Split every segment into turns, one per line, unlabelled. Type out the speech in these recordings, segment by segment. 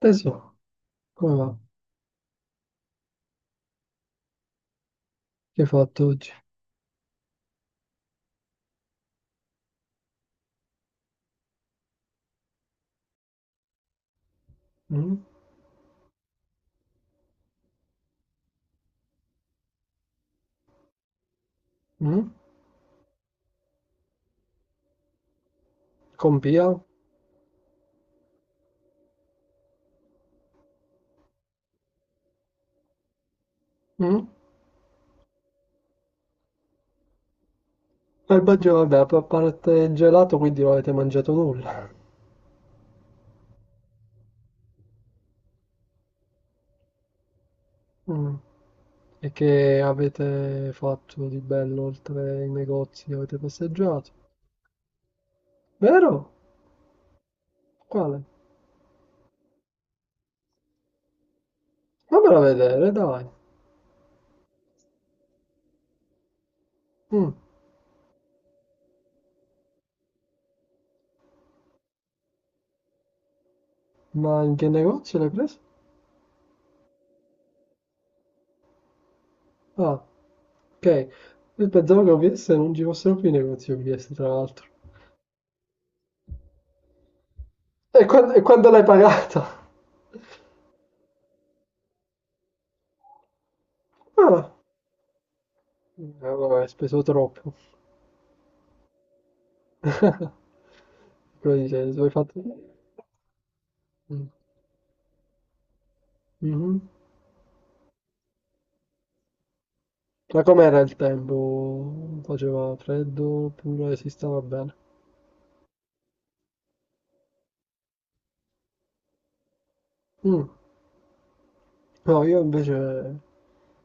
Tesoro, come va? Che hai fatto oggi? Mm? Mm? Con Pia? Mm? Il Baggio, vabbè, a parte il gelato, quindi non avete mangiato nulla. Mm. E che avete fatto di bello oltre ai negozi? Avete passeggiato? Vero? Quale? Fammelo vedere, dai. Mm. Ma in che negozio l'hai preso? Ah, ok. Io pensavo che OVS non ci fossero più i negozi OVS, tra l'altro. E quando l'hai pagato? Ah, vabbè, hai speso troppo. Dove hai fatto? Mh. Mh-mh. Ma com'era il tempo? Faceva freddo oppure si stava bene? Mh. No, io invece,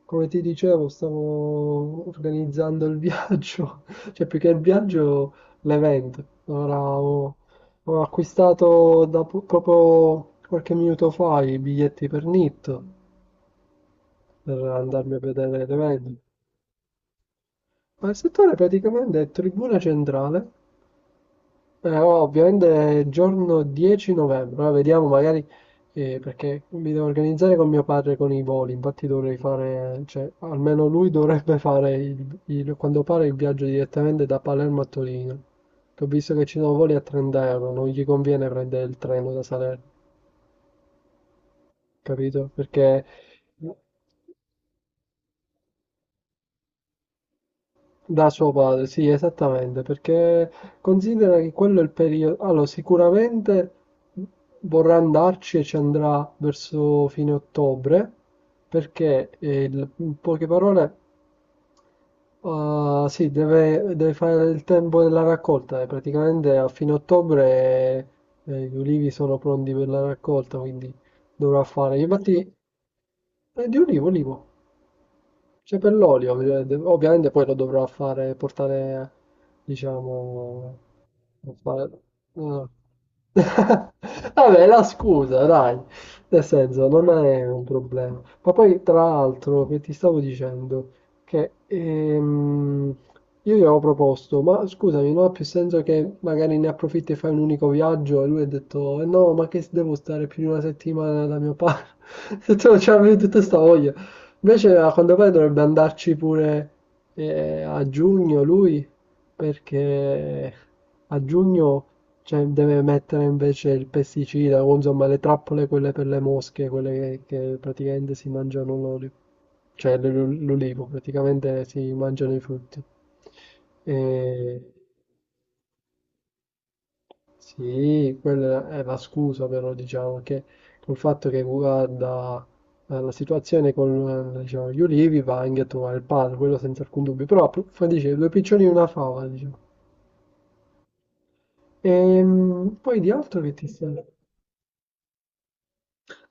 come ti dicevo, stavo organizzando il viaggio, cioè più che il viaggio, l'evento. Ho acquistato proprio qualche minuto fa i biglietti per NIT per andarmi a vedere l'evento. Ma il settore praticamente è Tribuna Centrale. Oh, ovviamente è giorno 10 novembre, ora vediamo magari, perché mi devo organizzare con mio padre con i voli. Infatti dovrei fare, cioè almeno lui dovrebbe fare quando pare il viaggio direttamente da Palermo a Torino, che ho visto che ci sono voli a 30 euro, non gli conviene prendere il treno da Salerno, capito? Perché... Da suo padre, sì, esattamente, perché considera che quello è il periodo. Allora, sicuramente vorrà andarci e ci andrà verso fine ottobre, perché in poche parole, ah, sì, deve fare il tempo della raccolta. E praticamente a fine ottobre gli ulivi sono pronti per la raccolta, quindi dovrà fare. Di olivo? Infatti, di ulivo, ulivo. C'è per l'olio, ovviamente poi lo dovrò fare, portare, diciamo, a fare... No. Vabbè, la scusa, dai, nel senso, non è un problema. Ma poi, tra l'altro, che ti stavo dicendo, che io gli avevo proposto, ma scusami, non ha più senso che magari ne approfitti e fai un unico viaggio? E lui ha detto, "Eh no, ma che devo stare più di una settimana da mio padre? Se tu non c'avevi tutta sta voglia." Invece a quanto pare dovrebbe andarci pure a giugno lui, perché a giugno cioè, deve mettere invece il pesticida o insomma le trappole quelle per le mosche, quelle che praticamente si mangiano l'olio, cioè l'olivo, praticamente si mangiano i frutti. E... Sì, quella è la scusa però diciamo che col fatto che guarda, la situazione con diciamo, gli ulivi, va anche a trovare il padre, quello senza alcun dubbio, però appunto, dice due piccioni e una fava, diciamo. Poi di altro che ti sta?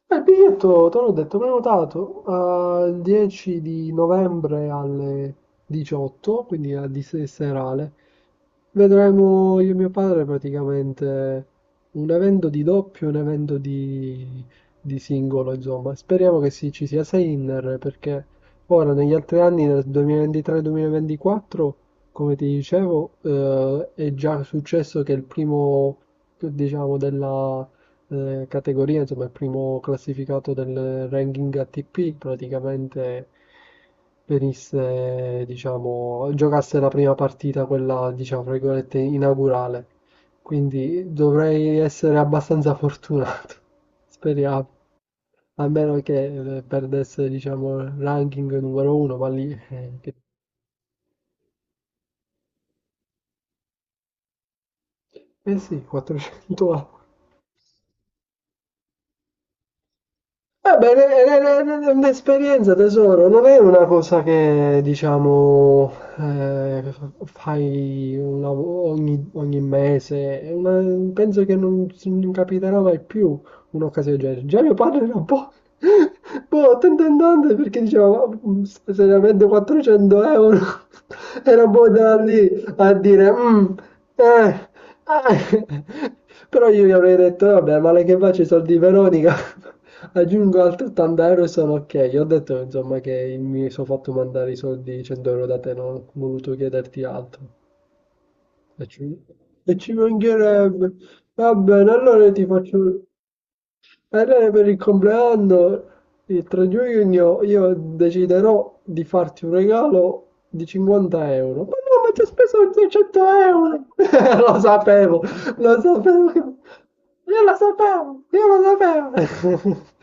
Il biglietto, te l'ho detto, prenotato al 10 di novembre alle 18, quindi a di se- serale. Vedremo io e mio padre praticamente un evento di doppio e un evento di singolo, insomma. Speriamo che ci sia Sinner, perché ora negli altri anni, nel 2023-2024, come ti dicevo, è già successo che il primo, diciamo, della categoria, insomma, il primo classificato del ranking ATP praticamente venisse, diciamo, giocasse la prima partita, quella, diciamo, fra virgolette, inaugurale. Quindi dovrei essere abbastanza fortunato, speriamo. A meno che perdesse, diciamo, il ranking numero uno, ma lì... che- eh sì, 400 A. Vabbè, è un'esperienza, tesoro, non è una cosa che diciamo eh, ogni, ogni mese, è una- penso che non capiterà mai più. Un'occasione del genere. Già mio padre era un po'... boh, attento andante, perché diceva, "Ma, se seriamente 400 euro?" Era un po' da lì a dire, "Mm, eh, eh". Però io gli avrei detto, vabbè, male che faccio i soldi di Veronica, aggiungo altri 80 € e sono ok. Gli ho detto, insomma, che mi sono fatto mandare i soldi 100 € da te, non ho voluto chiederti altro. E ci, e ci mancherebbe. Va bene, allora io ti faccio... Allora per il compleanno, il 3 giugno, io deciderò di farti un regalo di 50 euro. Ma no, ma ti ho speso 200 euro! Lo sapevo, lo sapevo, che- io lo sapevo, io lo sapevo.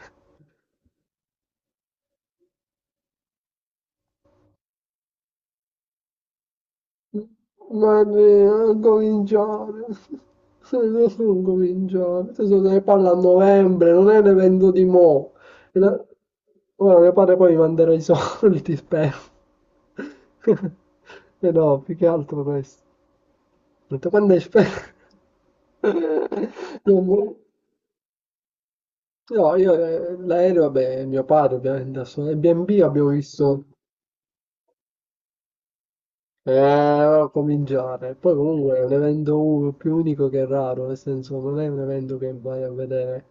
Non cominciare. Non cominciare. Adesso se ne parla a novembre, non è un evento di mo'. E la- Ora mio padre poi mi manderà i soldi, spero. E no, più che altro questo. Ho detto, quando è spero? No, mo- no, io l'aereo, vabbè, mio padre ovviamente, adesso, e B&B abbiamo visto, eh, cominciare. Poi comunque è un evento più unico che raro, nel senso non è un evento che vai a vedere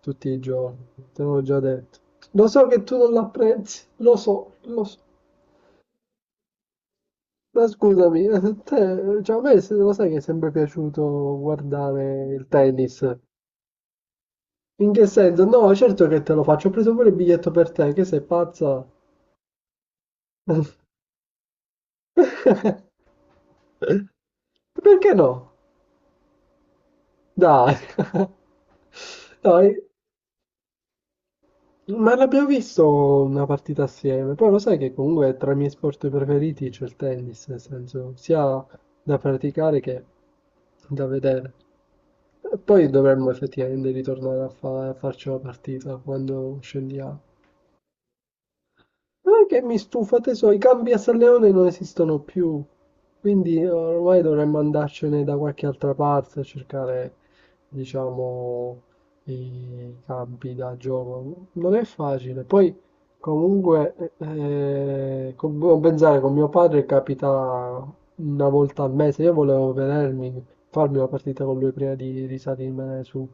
tutti i giorni, te l'ho già detto. Lo so che tu non l'apprezzi, lo so, lo so. Ma scusami, te, cioè a me lo sai che è sempre piaciuto guardare il tennis. In che senso? No, certo che te lo faccio, ho preso pure il biglietto per te, che sei pazza. Perché no? Dai. Dai. Ma l'abbiamo visto una partita assieme, poi lo sai che comunque tra i miei sport preferiti c'è il tennis, nel senso sia da praticare che da vedere. E poi dovremmo effettivamente ritornare a, a farci una partita quando scendiamo. Non è che mi stufa, tesoro, i campi a San Leone non esistono più, quindi ormai dovremmo andarcene da qualche altra parte a cercare, diciamo, i campi da gioco. Non è facile. Poi, comunque, devo pensare, con mio padre capita una volta al mese, io volevo vedermi, farmi una partita con lui prima di risalirmene su.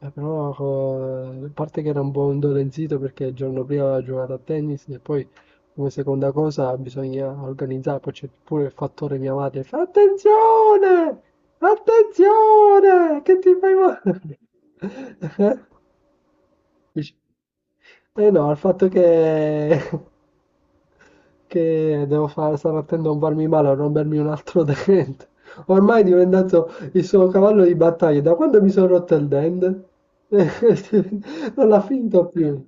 Però a parte che era un po' indolenzito perché il giorno prima aveva giocato a tennis e poi come seconda cosa bisogna organizzare, poi c'è pure il fattore mia madre, fa attenzione, attenzione, che ti fai male? Eh, dici, "Eh no, il fatto che, che devo fare, stare attento a non farmi male, a rompermi un altro dente, ormai è diventato il suo cavallo di battaglia, da quando mi sono rotto il dente? Non l'ha finto più."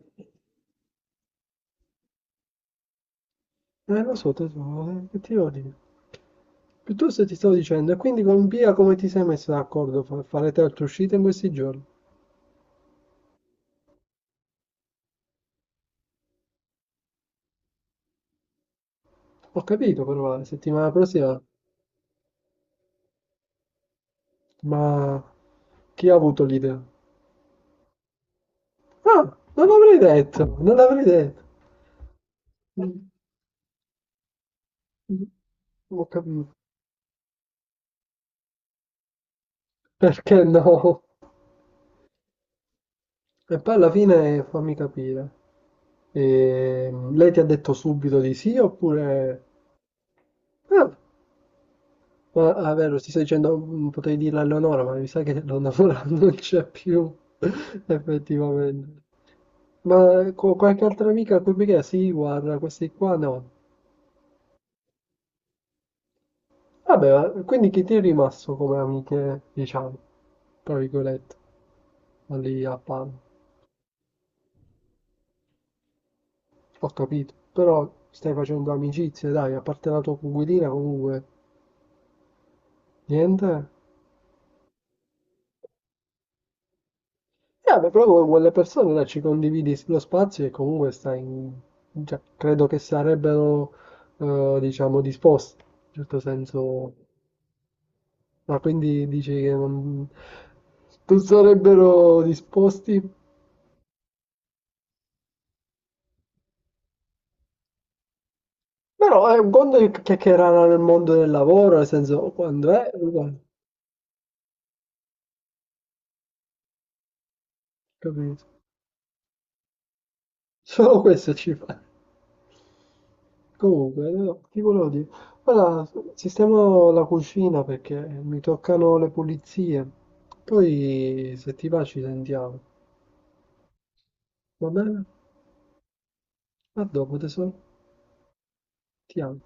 Lo so, tesoro, che ti devo dire? Piuttosto ti stavo dicendo, e quindi con Pia come ti sei messo d'accordo? Farete altre uscite in questi giorni? Ho capito, però, la settimana prossima, ma chi ha avuto l'idea? Ah, non l'avrei detto. Mm, mm, ho capito. Perché no? E poi alla fine fammi capire. Ehm, lei ti ha detto subito di sì oppure... Ah, ma ah, vero, ti sto dicendo, mm, potrei dirlo a Leonora, ma mi sa che Leonora non c'è più, effettivamente. Ma qualche altra amica a cui perché? Sì, guarda, questi qua no. Vabbè, ma quindi chi ti è rimasto come amiche, diciamo, tra virgolette, lì a Palma? Ho capito, però stai facendo amicizie, dai, a parte la tua coinquilina comunque, niente? E vabbè, proprio con quelle persone là ci condividi lo spazio e comunque stai in... cioè, credo che sarebbero, diciamo, disposti, in un certo senso. Ma quindi dici che non sarebbero disposti? Però è un conto che chiacchierare nel mondo del lavoro, nel senso, quando è, uguale, capito? Solo questo ci fa. Comunque, no, ti volevo dire, ora sistemo la cucina perché mi toccano le pulizie. Poi, se ti va, ci sentiamo. Va bene? A dopo, tesoro. Ti amo.